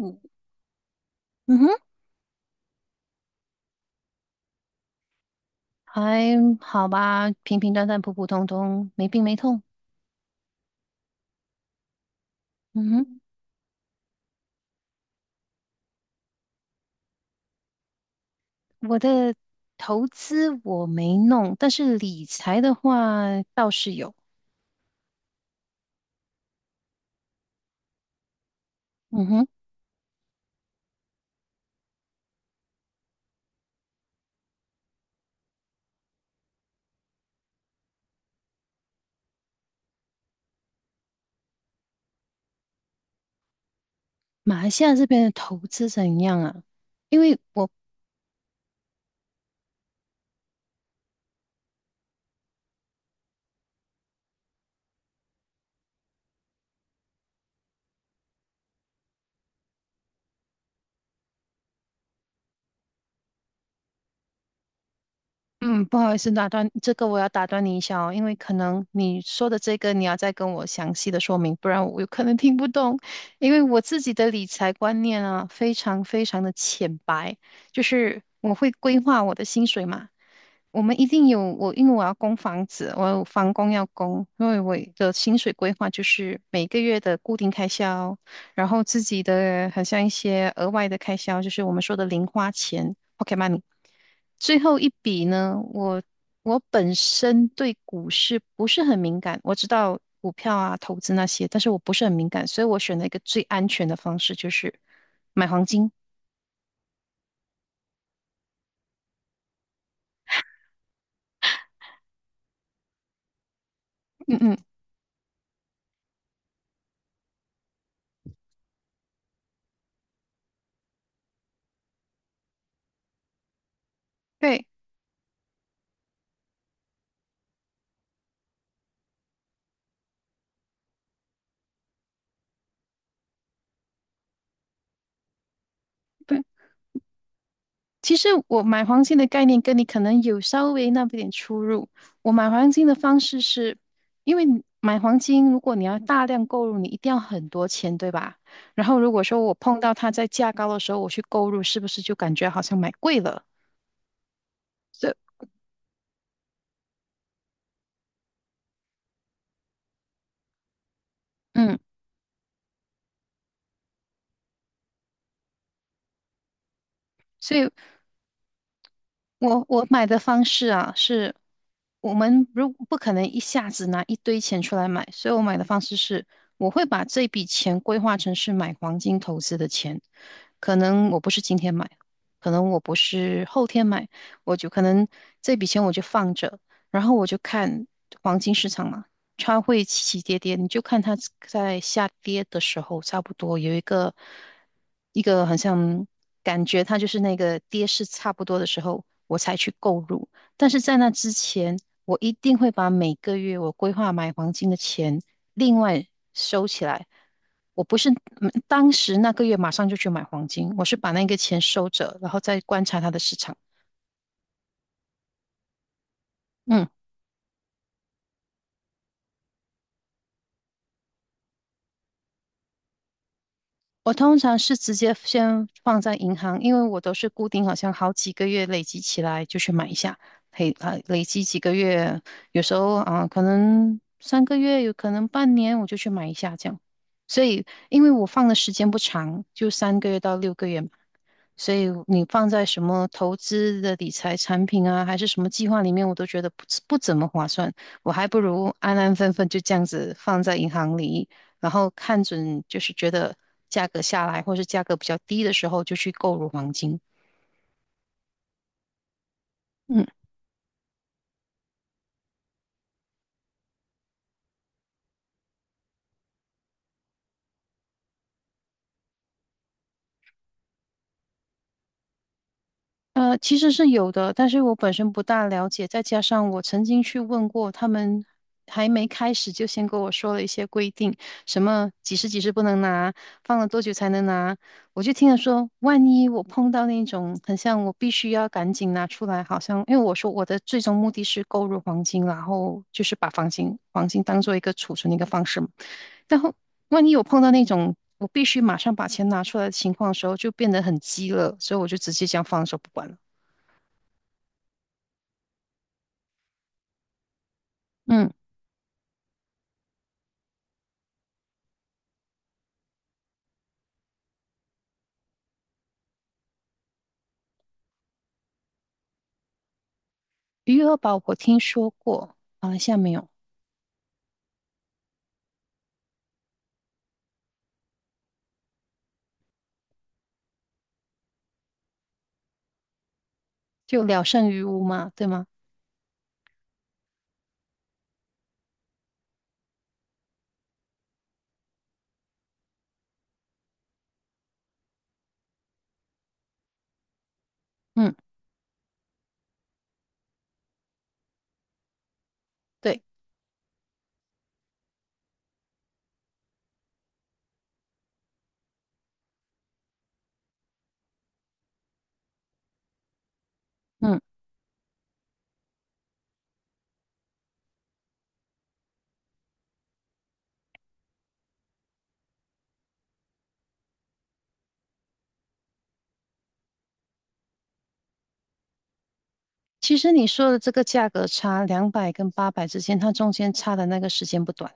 嗯嗯哼，还好吧，平平淡淡，普普通通，没病没痛。嗯哼，我的投资我没弄，但是理财的话倒是有。嗯哼，马来西亚这边的投资怎样啊？因为我嗯，不好意思，打断，这个我要打断你一下哦，因为可能你说的这个你要再跟我详细的说明，不然我有可能听不懂。因为我自己的理财观念啊，非常非常的浅白，就是我会规划我的薪水嘛，我们一定有我，因为我要供房子，我有房供要供，因为我的薪水规划就是每个月的固定开销，然后自己的很像一些额外的开销，就是我们说的零花钱 o k e t money。最后一笔呢，我本身对股市不是很敏感，我知道股票啊、投资那些，但是我不是很敏感，所以我选了一个最安全的方式，就是买黄金。嗯嗯，对对。其实我买黄金的概念跟你可能有稍微那么一点出入。我买黄金的方式是，因为你买黄金，如果你要大量购入，你一定要很多钱，对吧？然后如果说我碰到它在价高的时候，我去购入，是不是就感觉好像买贵了？这嗯所以我买的方式啊，是我们如不可能一下子拿一堆钱出来买，所以我买的方式是，我会把这笔钱规划成是买黄金投资的钱，可能我不是今天买，可能我不是后天买，我就可能这笔钱我就放着，然后我就看黄金市场嘛，它会起起跌跌，你就看它在下跌的时候，差不多有一个好像感觉，它就是那个跌势差不多的时候，我才去购入。但是在那之前，我一定会把每个月我规划买黄金的钱另外收起来。我不是当时那个月马上就去买黄金，我是把那个钱收着，然后再观察它的市场。嗯。我通常是直接先放在银行，因为我都是固定，好像好几个月累积起来就去买一下，累积几个月，有时候啊可能三个月，有可能半年，我就去买一下这样。所以因为我放的时间不长，就三个月到6个月嘛，所以你放在什么投资的理财产品啊，还是什么计划里面，我都觉得不怎么划算，我还不如安安分分就这样子放在银行里，然后看准就是觉得价格下来或是价格比较低的时候，就去购入黄金。嗯，其实是有的，但是我本身不大了解，再加上我曾经去问过他们，还没开始就先跟我说了一些规定，什么几十几十不能拿，放了多久才能拿，我就听了说，万一我碰到那种很像我必须要赶紧拿出来，好像因为我说我的最终目的是购入黄金，然后就是把黄金当做一个储存的一个方式嘛。然后万一有碰到那种我必须马上把钱拿出来的情况的时候，就变得很急了，所以我就直接这样放手不管了。嗯，余额宝我听说过，马来西亚没有，就聊胜于无嘛，对吗？嗯，对，嗯，其实你说的这个价格差两百跟八百之间，它中间差的那个时间不短。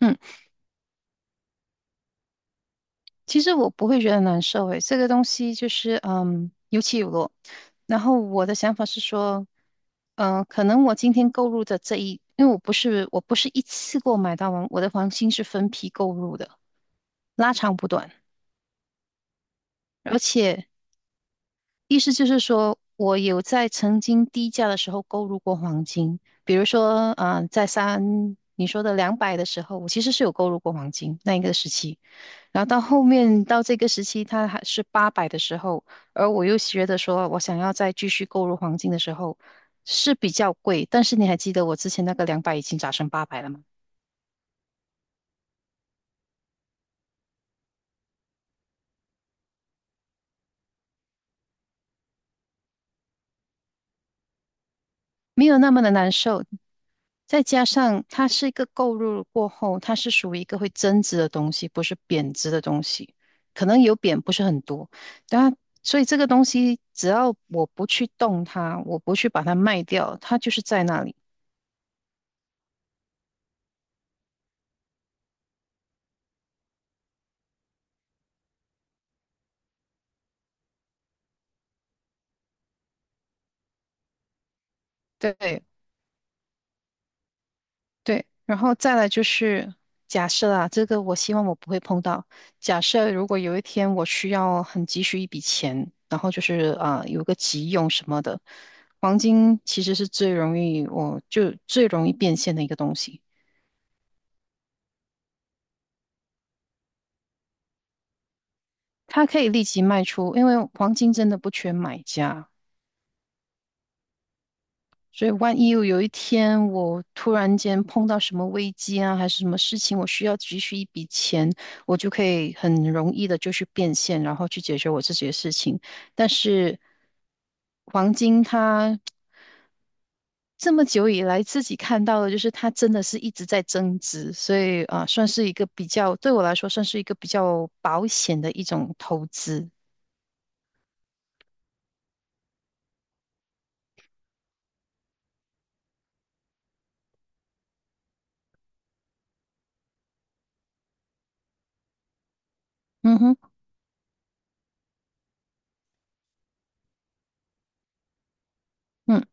嗯。其实我不会觉得难受诶，这个东西就是有起有落。然后我的想法是说，可能我今天购入的因为我不是一次购买到完，我的黄金是分批购入的，拉长不短。而且意思就是说，我有在曾经低价的时候购入过黄金，比如说，你说的两百的时候，我其实是有购入过黄金那一个时期。然后到后面到这个时期，它还是八百的时候，而我又觉得说，我想要再继续购入黄金的时候是比较贵，但是你还记得我之前那个两百已经涨成八百了吗？没有那么的难受，再加上它是一个购入过后，它是属于一个会增值的东西，不是贬值的东西，可能有贬，不是很多。当然，所以这个东西只要我不去动它，我不去把它卖掉，它就是在那里。对，对，然后再来就是假设啊，这个我希望我不会碰到。假设如果有一天我需要很急需一笔钱，然后就是啊、有个急用什么的，黄金其实是最容易变现的一个东西，它可以立即卖出，因为黄金真的不缺买家，所以万一有一天我突然间碰到什么危机啊，还是什么事情，我需要急需一笔钱，我就可以很容易的就去变现，然后去解决我自己的事情。但是黄金它这么久以来自己看到的，就是它真的是一直在增值，所以啊，算是一个比较，对我来说算是一个比较保险的一种投资。嗯哼，嗯，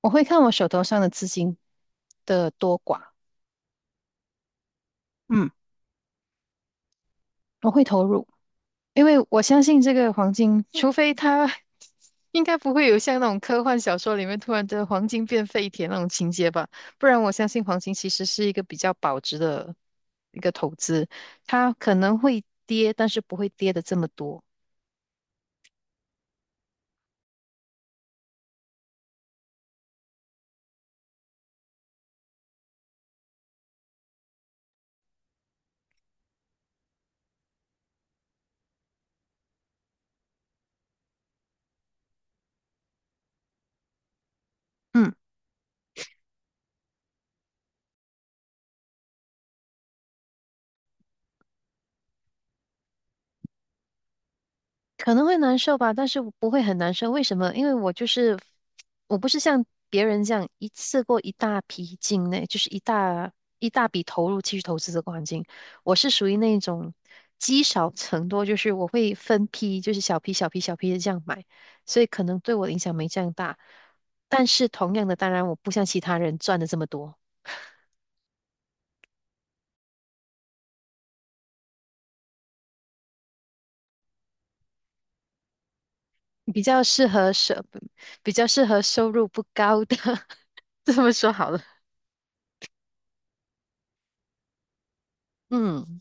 我会看我手头上的资金的多寡，嗯，我会投入。因为我相信这个黄金，除非它 应该不会有像那种科幻小说里面突然的黄金变废铁那种情节吧，不然我相信黄金其实是一个比较保值的一个投资，它可能会跌，但是不会跌的这么多。嗯。可能会难受吧，但是不会很难受。为什么？因为我就是我不是像别人这样一次过一大批进内，就是一大笔投入去投资这个环境。我是属于那种积少成多，就是我会分批，就是小批小批小批的这样买，所以可能对我的影响没这样大。但是同样的，当然我不像其他人赚的这么多，比较适合收，比较适合收入不高的，这么说好了。嗯，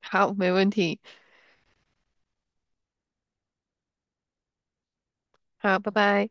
好，没问题。好，拜拜。